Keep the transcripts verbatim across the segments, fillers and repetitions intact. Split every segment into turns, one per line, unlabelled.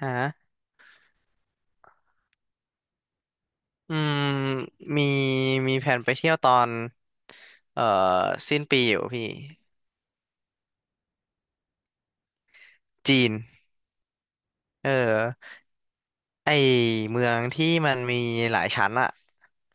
ฮะอืมมีมีแผนไปเที่ยวตอนเอ่อสิ้นปีอยู่พี่ จีนเออไอเมืองที่มันมีหลายชั้นอะ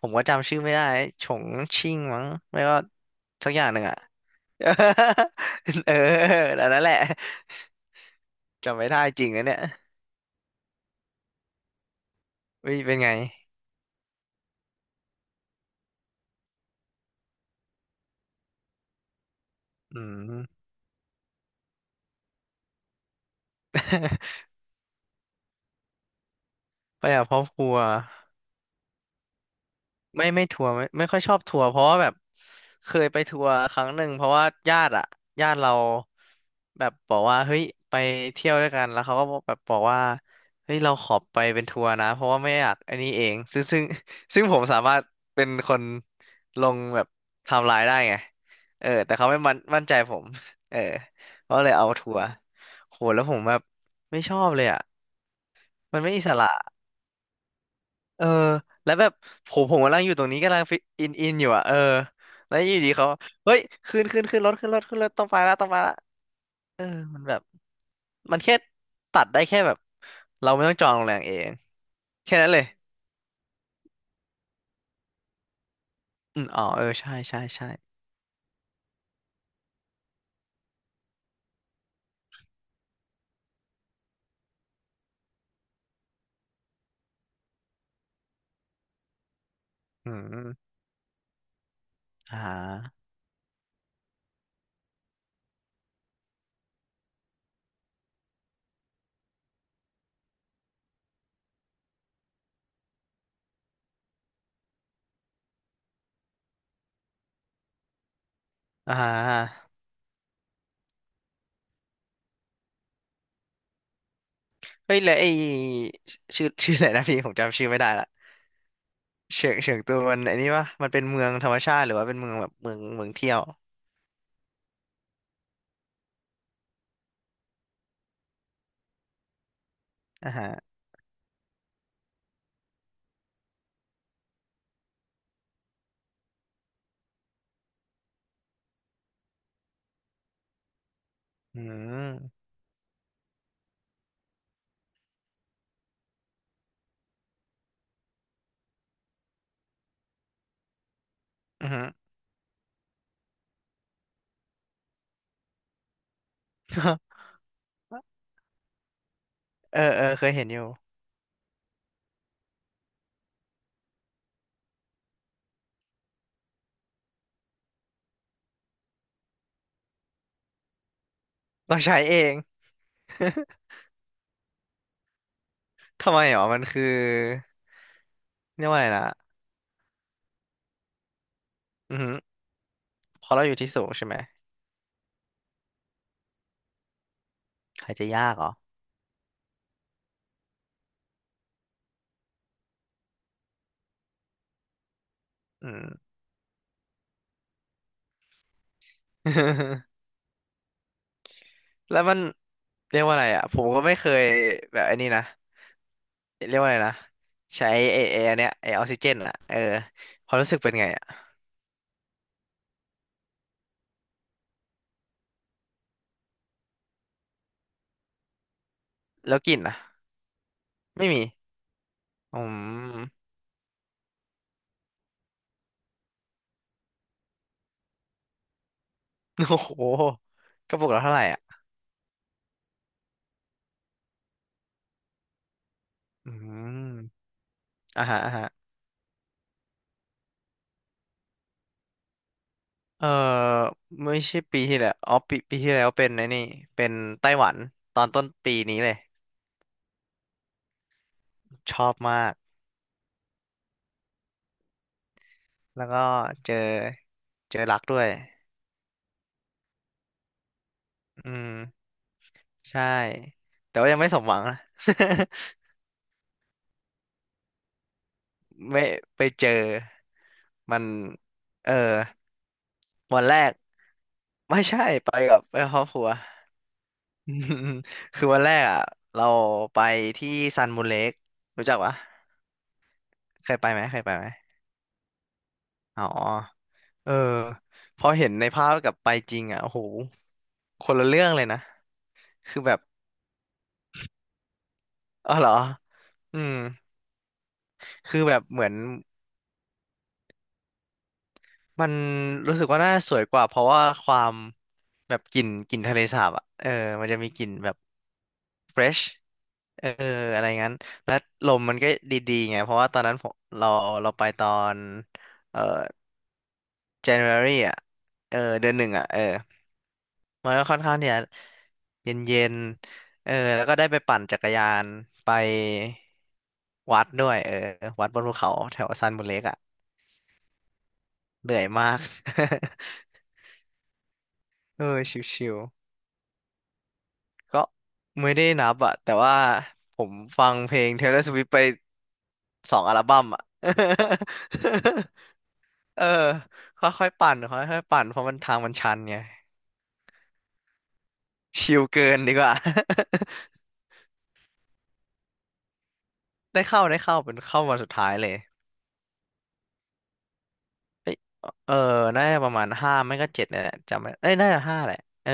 ผมก็จำชื่อไม่ได้ฉงชิ่งมั้งไม่ก็สักอย่างหนึ่งอะ เออเออแต่นั่นแหละจำไม่ได้จริงนะเนี่ยวิเป็นไงอืม ไปกับครอบครัว ไม่ไม่ทัวร์ไม่ไม่ค่อยชอบทัวร์เพราะว่าแบบเคยไปทัวร์ครั้งหนึ่งเพราะว่าญาติอะญาติเราแบบบอกว่าเฮ้ยไปเที่ยวด้วยกันแล้วเขาก็แบบบอกว่าเฮ้ยเราขอไปเป็นทัวร์นะเพราะว่าไม่อยากอันนี้เองซึ่งซึ่ง ซึ่งผมสามารถเป็นคนลงแบบไทม์ไลน์ได้ไงเออแต่เขาไม่มั่นมั่นใจผมเออก็เลยเอาทัวร์โหแล้วผมแบบไม่ชอบเลยอะมันไม่อิสระ เออแล้วแบบผมผมกำลังอยู่ตรงนี้กำลังฟิตอินอินอยู่อ่ะเออแล้วอยู่ดีเขาเฮ้ยขึ้นขึ้นขึ้นรถขึ้นรถขึ้นรถต้องไปละต้องไปละเออมันแบบมันแค่ตัดได้แค่แบบเราไม่ต้องจองโรงแรมเองแค่นั้นเลยอืมอ๋อเออใช่ใช่ใช่อืมอ่าอ่าเฮ้ยแล้วไอ้ชื่อชื่ออะไรนะพี่ผมจำชื่อไม่ได้ละเฉิงเฉิงตูมันไอ้นี่วะมันเป็นเมืองธรรมชาติหรือว่าเป็นเมืองแบบเมืองเมืองเที่ยวอ่าฮะอืมอือฮึ เออเออเคยเห็นอยู่ ต้องใช้เอง ทำไมหรอมันคือเรียกว่าอะไรนะอือหือพอเราอยู่ที่สูงใช่ไหมหายใจยากเหรออืม แล้วมันเรียกว่าอะไรอ่ะผมก็ไม่เคยแบบไอ้นี่นะเรียกว่าอะไรนะใช้ไอ้ไอ้อันเนี้ยไอ้ออกซิเจนอ่ะเออความรู้สึกเป็นไงอ่ะแล้วกลิ่นอ่ะไม่มีอืม โอ้โหกระปุกละเท่าไหร่อ่ะอืมอ่าฮะอ่าฮะเออไม่ใช่ปีที่แล้วอ๋อปีปีที่แล้วเป็นไอ้นี่เป็นไต้หวันตอนต้นปีนี้เลย ชอบมากแล้วก็เจอเจอรักด้วยอืมใช่แต่ว่ายังไม่สมหวังนะ ไม่ไปเจอมันเออวันแรกไม่ใช่ไปกับไปกับครอบครัว อืมคือวันแรกอ่ะเราไปที่ซันมูนเลกรู้จักปะเคยไปไหมเคยไปไหมอ๋อเออพอเห็นในภาพกับไปจริงอ่ะโอ้โหคนละเรื่องเลยนะคือแบบอ๋อเหรออืมคือแบบเหมือน มันรู้สึกว่าน่าสวยกว่าเพราะว่าความแบบกลิ่นกลิ่นทะเลสาบอ่ะเออมันจะมีกลิ่นแบบ fresh เอออะไรงั้นและลมมันก็ดีๆไงเพราะว่าตอนนั้นผมเราเราไปตอนเอ่อ January อ่ะเออเดือนหนึ่งอ่ะเออมันก็ค่อนข้างที่จะเย็นๆเออแล้วก็ได้ไปปั่นจักรยานไปวัดด้วยเออวัดบนภูเขาแถวซันบุเล็กอ่ะเหนื่อยมาก เออชิวๆ ก็ไม่ได้นับอะแต่ว่าผมฟังเพลง Taylor Swift ไปสองอัลบั้มอะ เออค่อยๆปั่นค่อยๆปั่นเพราะมันทางมันชันไงชิลเกินดีกว่า ได้เข้าได้เข้าเป็นเข้าวันสุดท้ายเลยเอ้ยเออน่าจะประมาณห้าไม่ก็เจ็ดเนี่ยแหละจำไม่เอ้ยน่าจะห้าแหละเออ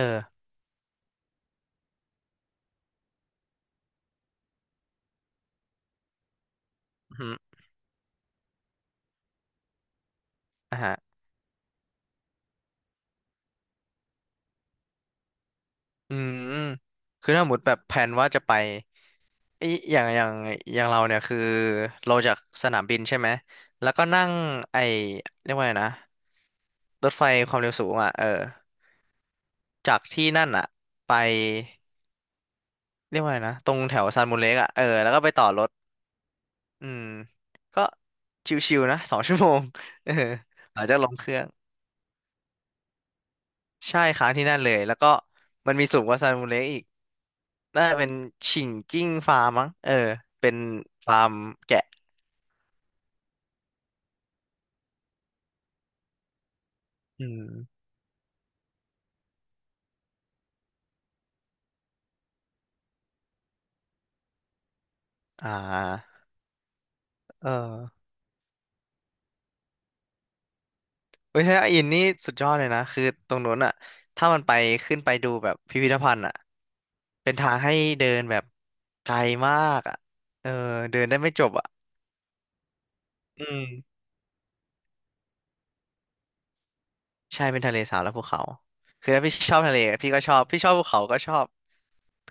อืมอฮึอ่ะฮะอืมคือถ้าหมดแบบแผนว่าจะไป ไอยอย่างอย่างอย่างเราเนี่ยคือเราจากสนามบินใช่ไหมแล้วก็นั่งไอเรียกว่าไงนะ รถไฟความเร็วสูงอ่ะเออจากที่นั่นอ่ะไปเรียกว่าไงนะ ตรงแถวซานมูเล็กอ่ะเออแล้วก็ไปต่อรถอืมก็ชิวๆนะ สองชั่วโมงเออหลังจากลงเครื่อง ใช่ค้างที่นั่นเลยแล้วก็มันมีสูงกว่าซานมูเล็กอีกน่าจะเป็นฉิงจิ้งฟาร์มมั้งเออเป็นฟาร์มแกะอืมอ่าเออ เว้ยถ้าอินนี่สุดยอดเลยนะคือตรงนู้นอ่ะถ้ามันไปขึ้นไปดูแบบพิพิธภัณฑ์อ่ะเป็นทางให้เดินแบบไกลมากอ่ะเออเดินได้ไม่จบอ่ะอืมใช่เป็นทะเลสาบและภูเขาคือถ้าพี่ชอบทะเลพี่ก็ชอบพี่ชอบภูเขาก็ชอบ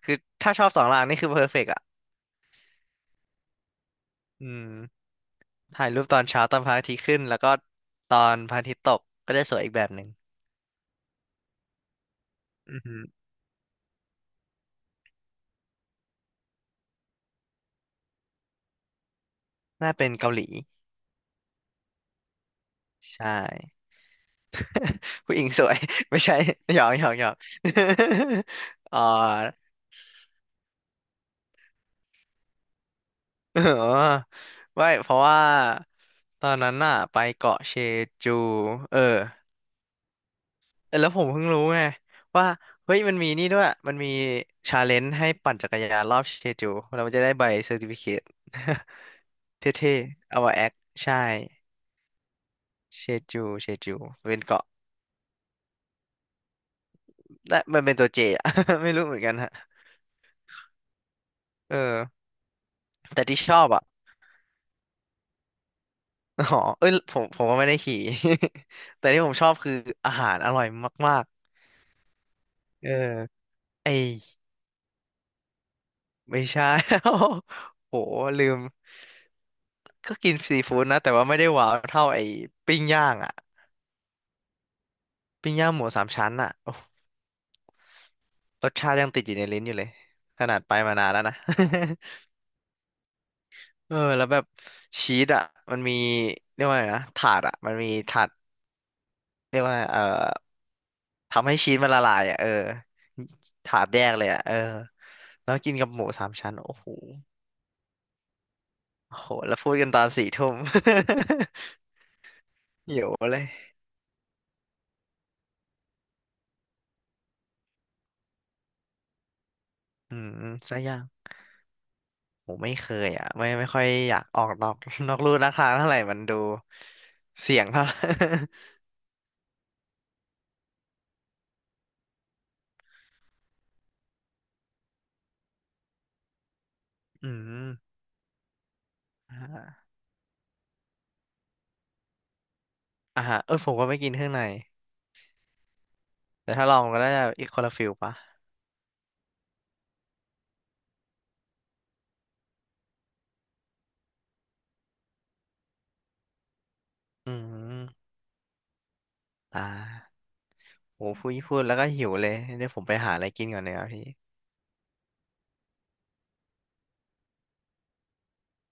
คือถ้าชอบสองอย่างนี่คือเพอร์เฟกต์อ่ะอืมถ่ายรูปตอนเช้าตอนพระอาทิตย์ขึ้นแล้วก็ตอนพระอาทิตย์ตกก็จะสวยอีกแบบหนึ่งอือฮึน่าเป็นเกาหลีใช่ ผู้หญิงสวย ไม่ใช่หยอกหยอกหยอก อ๋เอ อไม่เพราะว่าตอนนั้นน่ะไปเกาะเชจูเออแล้วผมเพิ่งรู้ไงว่าเฮ้ยมันมีนี่ด้วย มันมีชาเลนจ์ให้ปั่นจักรยานรอบเชจูเราจะได้ใบเซอร์ติฟิเคต เท่ๆเอามาแอคใช่เชจูเชจูเป็นเกาะและมันเป็นตัวเจอะ ไม่รู้เหมือนกันฮะเออแต่ที่ชอบอ่ะ อ๋อเอ้ยผมผมก็ไม่ได้ขี่ แต่ที่ผมชอบคืออาหารอร่อยมากๆเออไอไม่ใช่ โห ลืม ก็กินซีฟู้ดนะ แต่ว่าไม่ได้ว้าวเท่าไอปิ้งย่างอ่ะปิ้งย่างหมูสามชั้นอ่ะโอ้รสชาติยังติดอยู่ในลิ้นอยู่เลย ขนาดไปมานานแล้วนะ เออแล้วแบบชีสอ่ะมันมีเรียกว่าไงนะ ถาดอ่ะมันมีถาดเรียกว่าไงเออ ทำให้ชีสมันละลายอ่ะเออถาดแยกเลยอ่ะเออแล้วกินกับหมูสามชั้นโอ้โหโอ้โหแล้วพูดกันตอนสี่ทุ่ม หิวเลยอืมสักอย่างผมไม่เคยอ่ะไม่ไม่ค่อยอยากออกนอก นอกลู่นอกทางเท่าไหร่มันดูเสี่ยงเท่า ไหร่ อืมอ่าอ่าเออผมก็ไม่กินเครื่องในแต่ถ้าลองก็ได้อีกคนละฟิลปะอืมอ่าโหพูดพูดแล้วก็หิวเลยเดี๋ยวผมไปหาอะไรกินก่อนเลยครับพี่